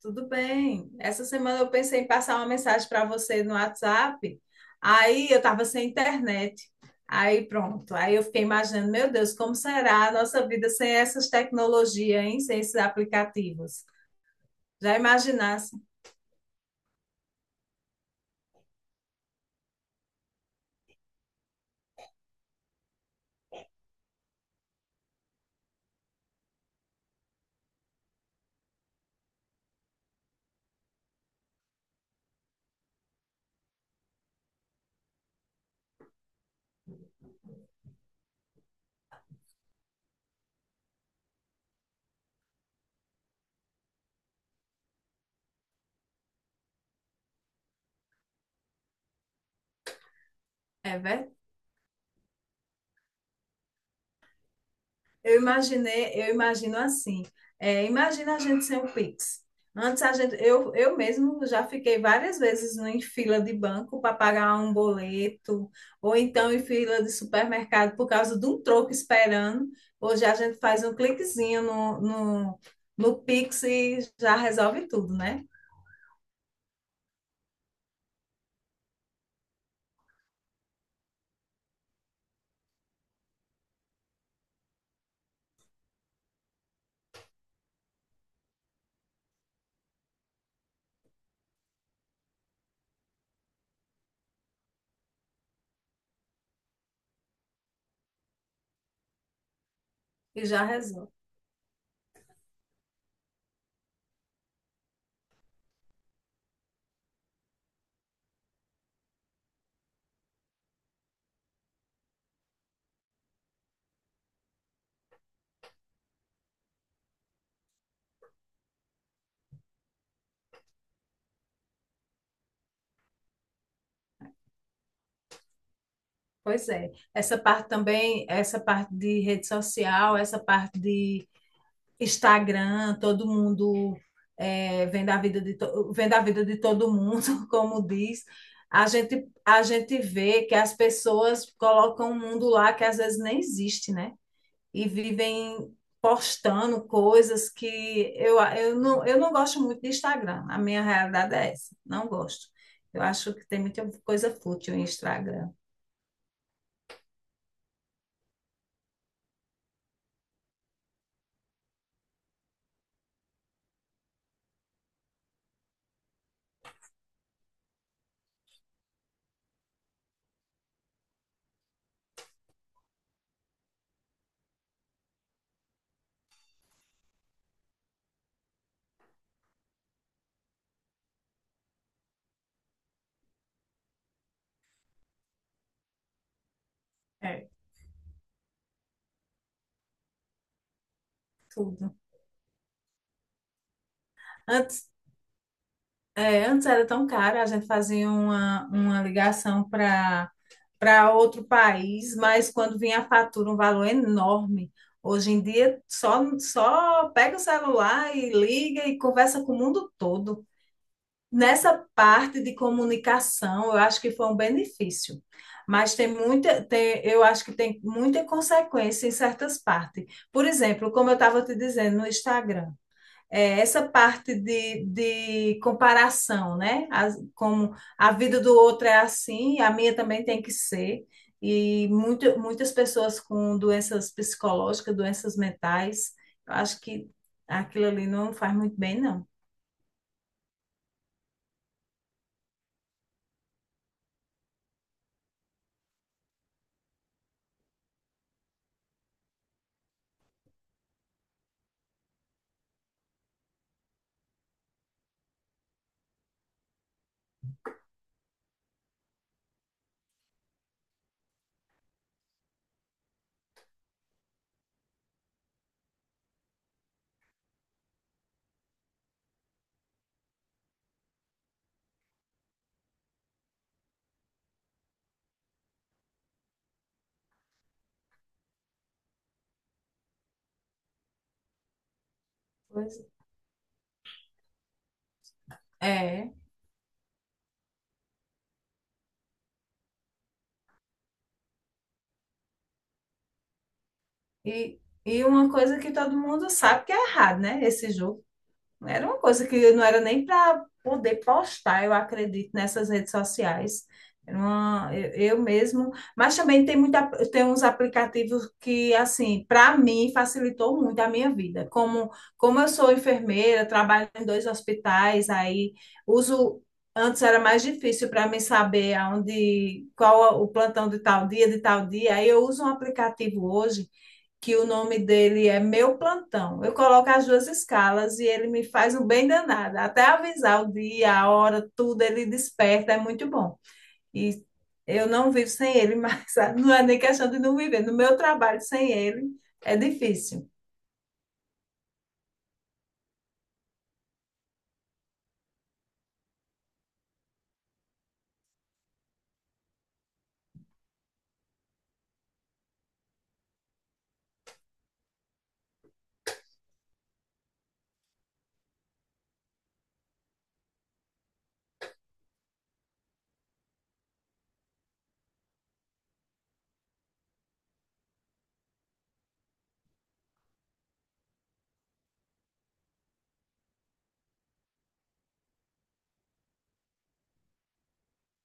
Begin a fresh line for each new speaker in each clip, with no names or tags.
Tudo bem. Essa semana eu pensei em passar uma mensagem para você no WhatsApp. Aí eu estava sem internet. Aí pronto. Aí eu fiquei imaginando, meu Deus, como será a nossa vida sem essas tecnologias, hein? Sem esses aplicativos. Já imaginasse? É verdade. Eu imaginei, eu imagino assim. É, imagina a gente sem o Pix. Antes a gente, eu mesmo já fiquei várias vezes em fila de banco para pagar um boleto, ou então em fila de supermercado por causa de um troco esperando. Hoje a gente faz um cliquezinho no Pix e já resolve tudo, né? E já resolve. Pois é. Essa parte também, essa parte de rede social, essa parte de Instagram, todo mundo é, vendo, a vida de vendo a vida de todo mundo, como diz, a gente vê que as pessoas colocam um mundo lá que às vezes nem existe, né? E vivem postando coisas que não, eu não gosto muito de Instagram. A minha realidade é essa, não gosto. Eu acho que tem muita coisa fútil em Instagram. É, tudo. Antes, é, antes era tão caro, a gente fazia uma ligação para para outro país, mas quando vinha a fatura, um valor enorme. Hoje em dia, só pega o celular e liga e conversa com o mundo todo. Nessa parte de comunicação, eu acho que foi um benefício, mas tem muita, tem, eu acho que tem muita consequência em certas partes. Por exemplo, como eu estava te dizendo no Instagram, é, essa parte de comparação, né? As- como a vida do outro é assim, a minha também tem que ser. E muito, muitas pessoas com doenças psicológicas, doenças mentais, eu acho que aquilo ali não faz muito bem, não. Pois é. É. E, e uma coisa que todo mundo sabe que é errado, né? Esse jogo. Era uma coisa que não era nem para poder postar, eu acredito, nessas redes sociais. Era uma- eu mesmo. Mas também tem, muita, tem uns aplicativos que, assim, para mim, facilitou muito a minha vida. Como, como eu sou enfermeira, trabalho em dois hospitais, aí uso. Antes era mais difícil para mim saber aonde, qual o plantão de tal dia, de tal dia. Aí eu uso um aplicativo hoje que o nome dele é Meu Plantão. Eu coloco as duas escalas e ele me faz um bem danado. Até avisar o dia, a hora, tudo, ele desperta, é muito bom. E eu não vivo sem ele, mas não é nem questão de não viver. No meu trabalho sem ele é difícil.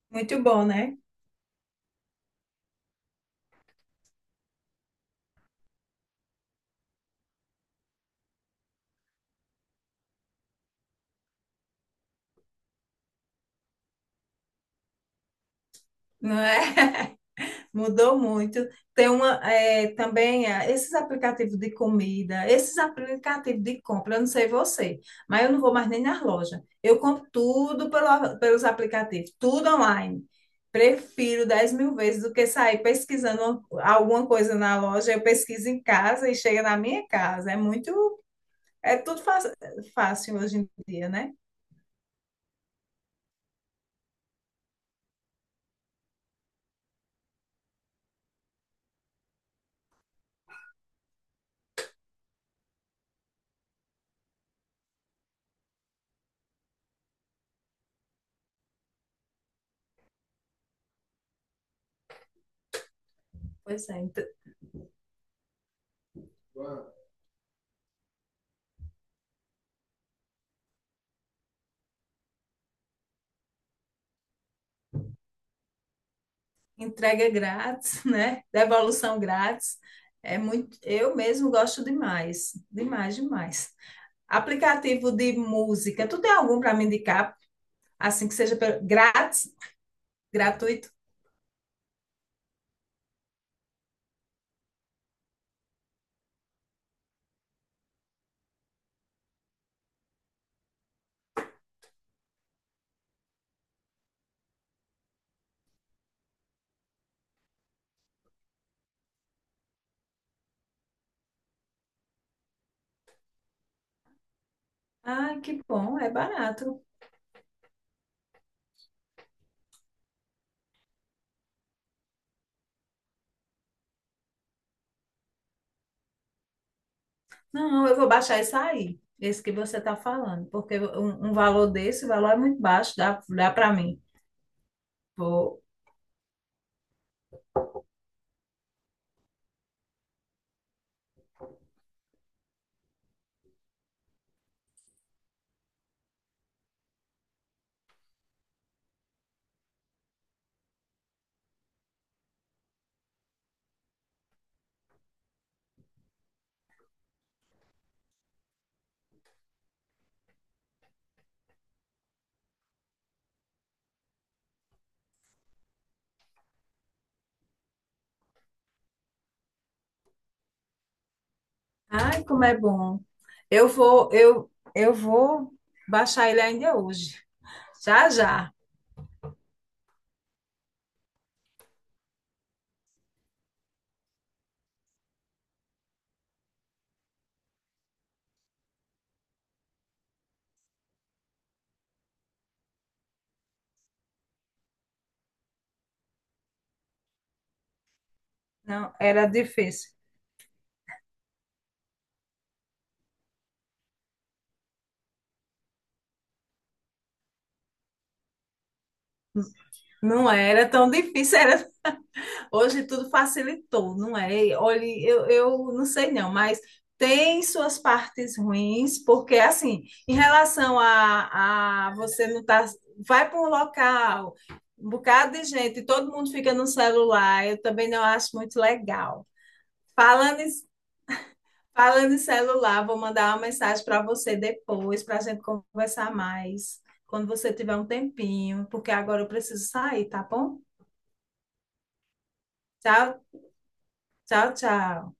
Muito bom, né? Não é? Mudou muito. Tem uma, é, também é, esses aplicativos de comida, esses aplicativos de compra, eu não sei você, mas eu não vou mais nem nas lojas. Eu compro tudo pelo- pelos aplicativos, tudo online. Prefiro 10.000 vezes do que sair pesquisando alguma coisa na loja. Eu pesquiso em casa e chega na minha casa. É muito, é tudo fa- fácil hoje em dia, né? Pois é. Entrega grátis, né? Devolução grátis. É muito, eu mesmo gosto demais, demais, demais. Aplicativo de música, tu tem algum para me indicar, assim que seja pelo- grátis, gratuito? Ai, que bom, é barato. Não, eu vou baixar esse aí, esse que você está falando, porque um valor desse, o valor é muito baixo, dá, dá para mim. Vou. Ai, como é bom. Eu vou baixar ele ainda hoje. Já, já. Não, era difícil. Não era tão difícil, era... Hoje tudo facilitou, não é? E olha, eu não sei não, mas tem suas partes ruins, porque assim, em relação a você não tá... Vai para um local, um bocado de gente, todo mundo fica no celular, eu também não acho muito legal. Falando em Falando em celular, vou mandar uma mensagem para você depois, para a gente conversar mais, quando você tiver um tempinho, porque agora eu preciso sair, tá bom? Tchau, tchau, tchau.